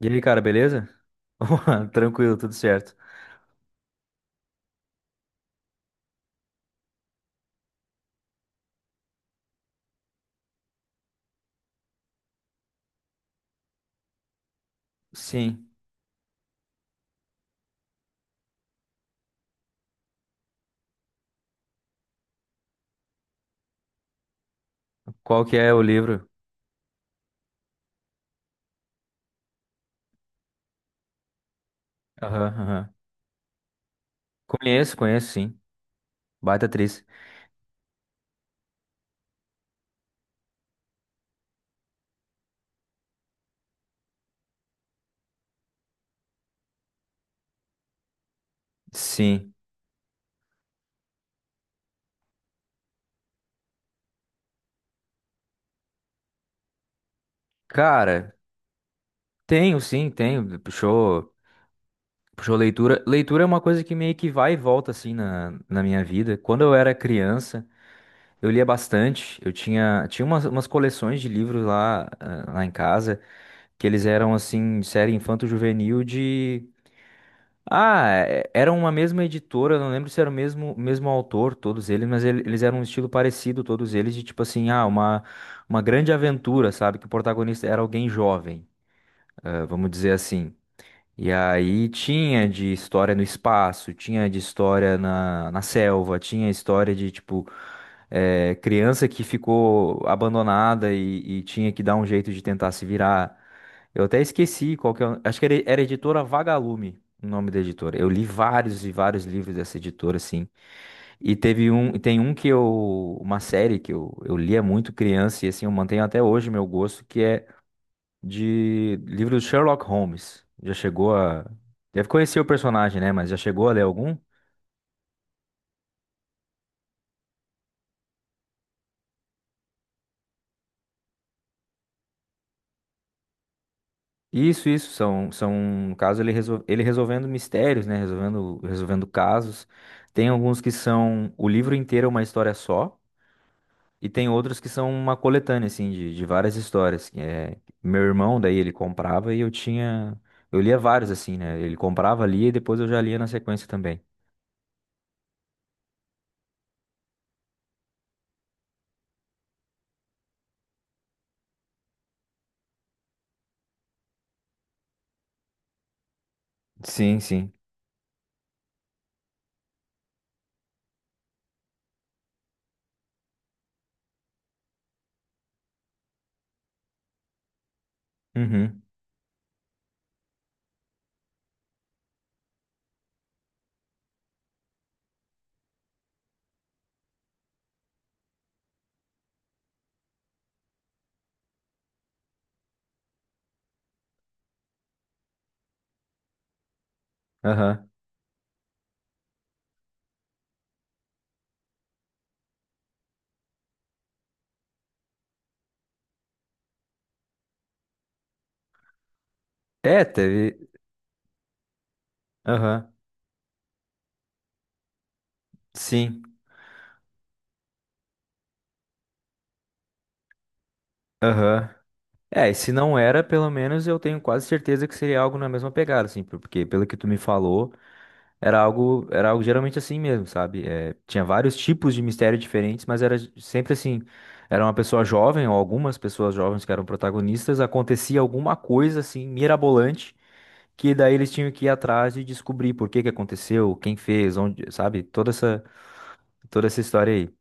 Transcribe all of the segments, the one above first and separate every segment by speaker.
Speaker 1: E aí, cara, beleza? Opa, tranquilo, tudo certo. Sim. Qual que é o livro? Aham, aham. Conheço, conheço, sim. Baita atriz. Sim. Cara, tenho, sim, tenho. Puxou leitura. Leitura é uma coisa que meio que vai e volta, assim, na minha vida. Quando eu era criança, eu lia bastante. Eu tinha umas, umas coleções de livros lá, ah, lá em casa, que eles eram, assim, de série infanto-juvenil de... Ah, era uma mesma editora, eu não lembro se era o mesmo, mesmo autor, todos eles, mas eles eram um estilo parecido, todos eles, de tipo assim, ah, uma grande aventura, sabe? Que o protagonista era alguém jovem, vamos dizer assim. E aí tinha de história no espaço, tinha de história na, na selva, tinha história de, tipo, criança que ficou abandonada e tinha que dar um jeito de tentar se virar. Eu até esqueci qual que é. Acho que era, era editora Vagalume, o nome da editora. Eu li vários e vários livros dessa editora, assim. E teve um, tem um que eu, uma série que eu lia muito criança e assim eu mantenho até hoje meu gosto, que é de livro do Sherlock Holmes. Já chegou a, deve conhecer o personagem, né? Mas já chegou a ler algum? Isso são, são no caso ele, resol, ele resolvendo mistérios, né? Resolvendo, resolvendo casos. Tem alguns que são o livro inteiro é uma história só. E tem outros que são uma coletânea, assim, de várias histórias. Que É, meu irmão, daí, ele comprava e eu tinha. Eu lia vários, assim, né? Ele comprava, lia e depois eu já lia na sequência também. Sim, sim. Uhum. Aham. É, teve. Aham. Sim. Aham. É, e se não era, pelo menos eu tenho quase certeza que seria algo na mesma pegada, assim, porque pelo que tu me falou. Era algo geralmente assim mesmo, sabe? Tinha vários tipos de mistério diferentes, mas era sempre assim. Era uma pessoa jovem, ou algumas pessoas jovens que eram protagonistas, acontecia alguma coisa assim, mirabolante, que daí eles tinham que ir atrás e descobrir por que que aconteceu, quem fez, onde, sabe? Toda essa história aí.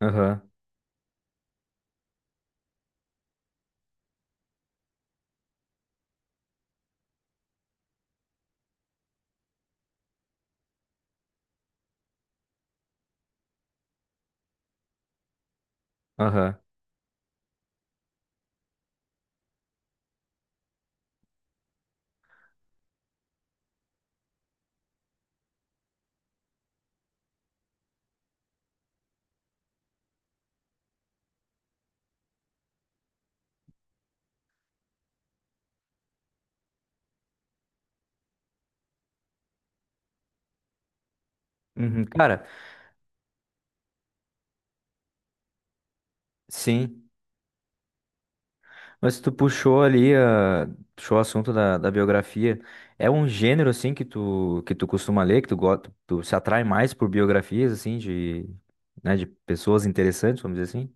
Speaker 1: Aham, aham. Uhum. Cara, sim. Mas tu puxou ali, ah, puxou o assunto da, da biografia. É um gênero, assim, que tu costuma ler, que tu, tu se atrai mais por biografias, assim, de, né, de pessoas interessantes, vamos dizer assim?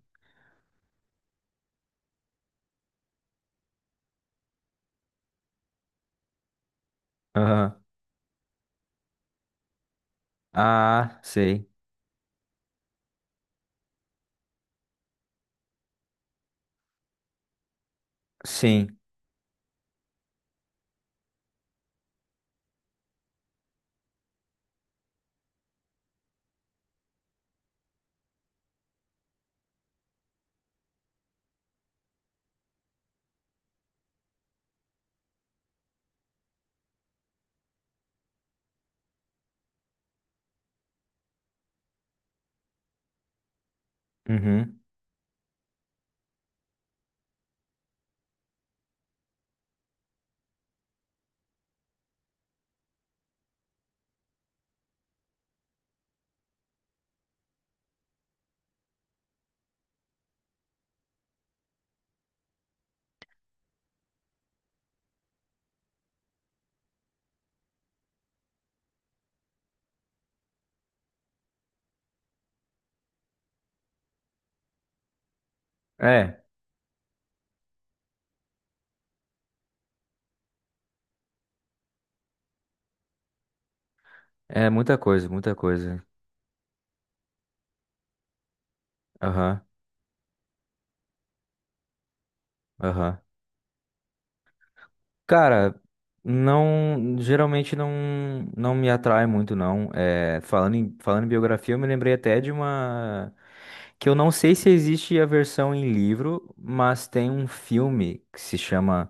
Speaker 1: Aham. Ah, sei. Sim. Uhum. É, é muita coisa, muita coisa. Aham, aham. Cara, não, geralmente não, não me atrai muito, não. É, falando em biografia, eu me lembrei até de uma. Que eu não sei se existe a versão em livro, mas tem um filme que se chama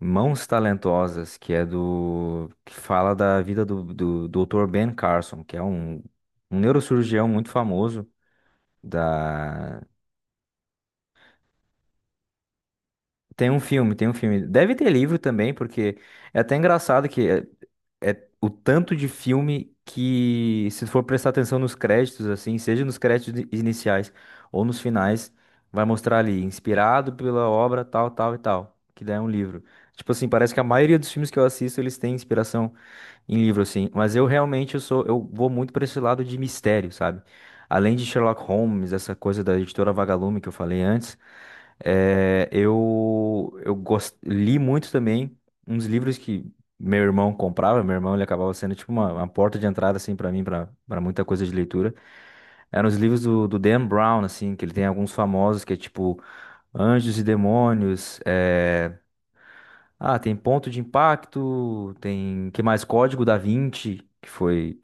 Speaker 1: Mãos Talentosas, que é do, que fala da vida do, do Dr. Ben Carson, que é um, um neurocirurgião muito famoso da. Tem um filme, tem um filme. Deve ter livro também, porque é até engraçado que é, é o tanto de filme que, se for prestar atenção nos créditos, assim, seja nos créditos iniciais ou nos finais, vai mostrar ali, inspirado pela obra tal, tal e tal, que daí é um livro. Tipo assim, parece que a maioria dos filmes que eu assisto, eles têm inspiração em livro, assim. Mas eu realmente, eu sou, eu vou muito para esse lado de mistério, sabe? Além de Sherlock Holmes, essa coisa da editora Vagalume que eu falei antes, eu, eu li muito também uns livros que meu irmão comprava. Meu irmão ele acabava sendo tipo uma porta de entrada assim para mim, para muita coisa de leitura. Eram os livros do, do Dan Brown, assim, que ele tem alguns famosos que é tipo Anjos e Demônios. Ah, tem Ponto de Impacto, tem que mais Código da Vinci, que foi.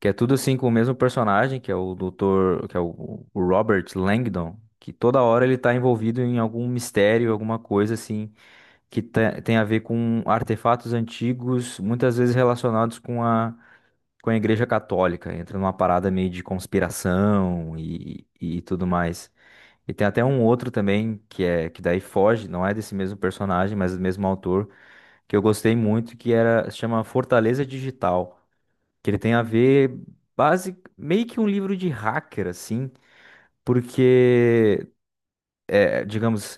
Speaker 1: Que é tudo assim com o mesmo personagem, que é o doutor, que é o Robert Langdon, que toda hora ele tá envolvido em algum mistério, alguma coisa assim, que tem a ver com artefatos antigos, muitas vezes relacionados com a Igreja Católica. Entra numa parada meio de conspiração e tudo mais. E tem até um outro também, que é que daí foge, não é desse mesmo personagem, mas do mesmo autor, que eu gostei muito, que era, se chama Fortaleza Digital, que ele tem a ver base meio que um livro de hacker assim, porque é, digamos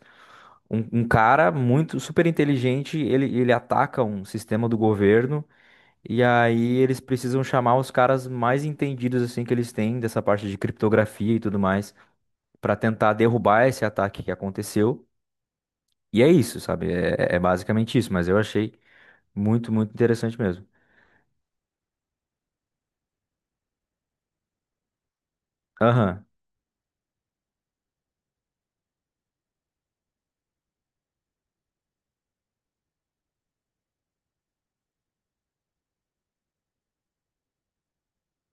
Speaker 1: um, um cara muito super inteligente, ele ataca um sistema do governo e aí eles precisam chamar os caras mais entendidos assim que eles têm dessa parte de criptografia e tudo mais para tentar derrubar esse ataque que aconteceu. E é isso, sabe? É, é basicamente isso, mas eu achei muito, muito interessante mesmo. Aham,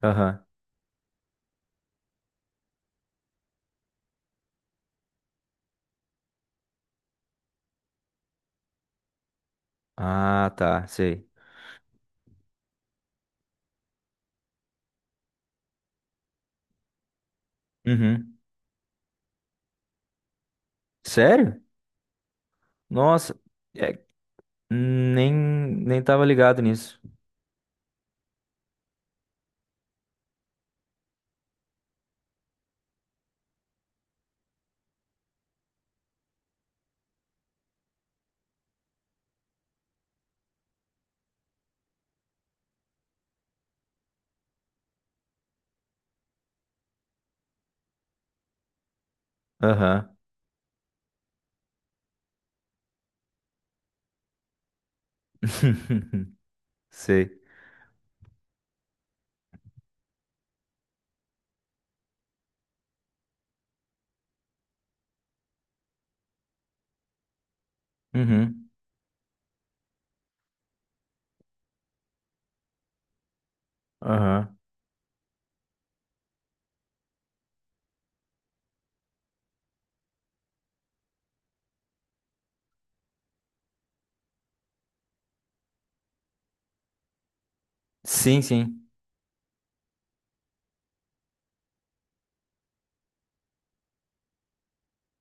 Speaker 1: aham. Ah, tá, sei. Uhum. Sério? Nossa, é, nem, nem tava ligado nisso. Aham. Sei. Uhum. Aham. Sim, sim.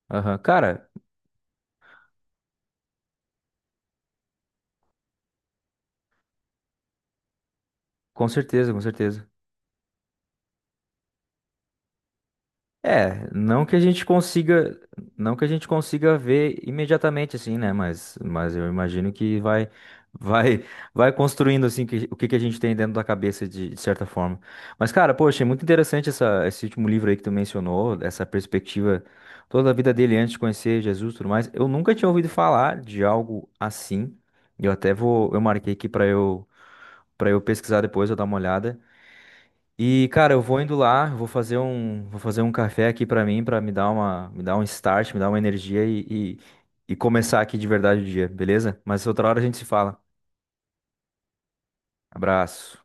Speaker 1: Aham. Cara, com certeza, com certeza. É, não que a gente consiga, não que a gente consiga ver imediatamente assim, né? Mas eu imagino que vai, vai, vai construindo assim o que que a gente tem dentro da cabeça de certa forma. Mas cara, poxa, é muito interessante essa, esse último livro aí que tu mencionou, essa perspectiva toda a vida dele antes de conhecer Jesus, e tudo mais. Eu nunca tinha ouvido falar de algo assim. Eu até vou, eu marquei aqui para eu pesquisar depois, eu dar uma olhada. E, cara, eu vou indo lá, vou fazer um café aqui pra mim, pra me dar uma, me dar um start, me dar uma energia e começar aqui de verdade o dia, beleza? Mas outra hora a gente se fala. Abraço.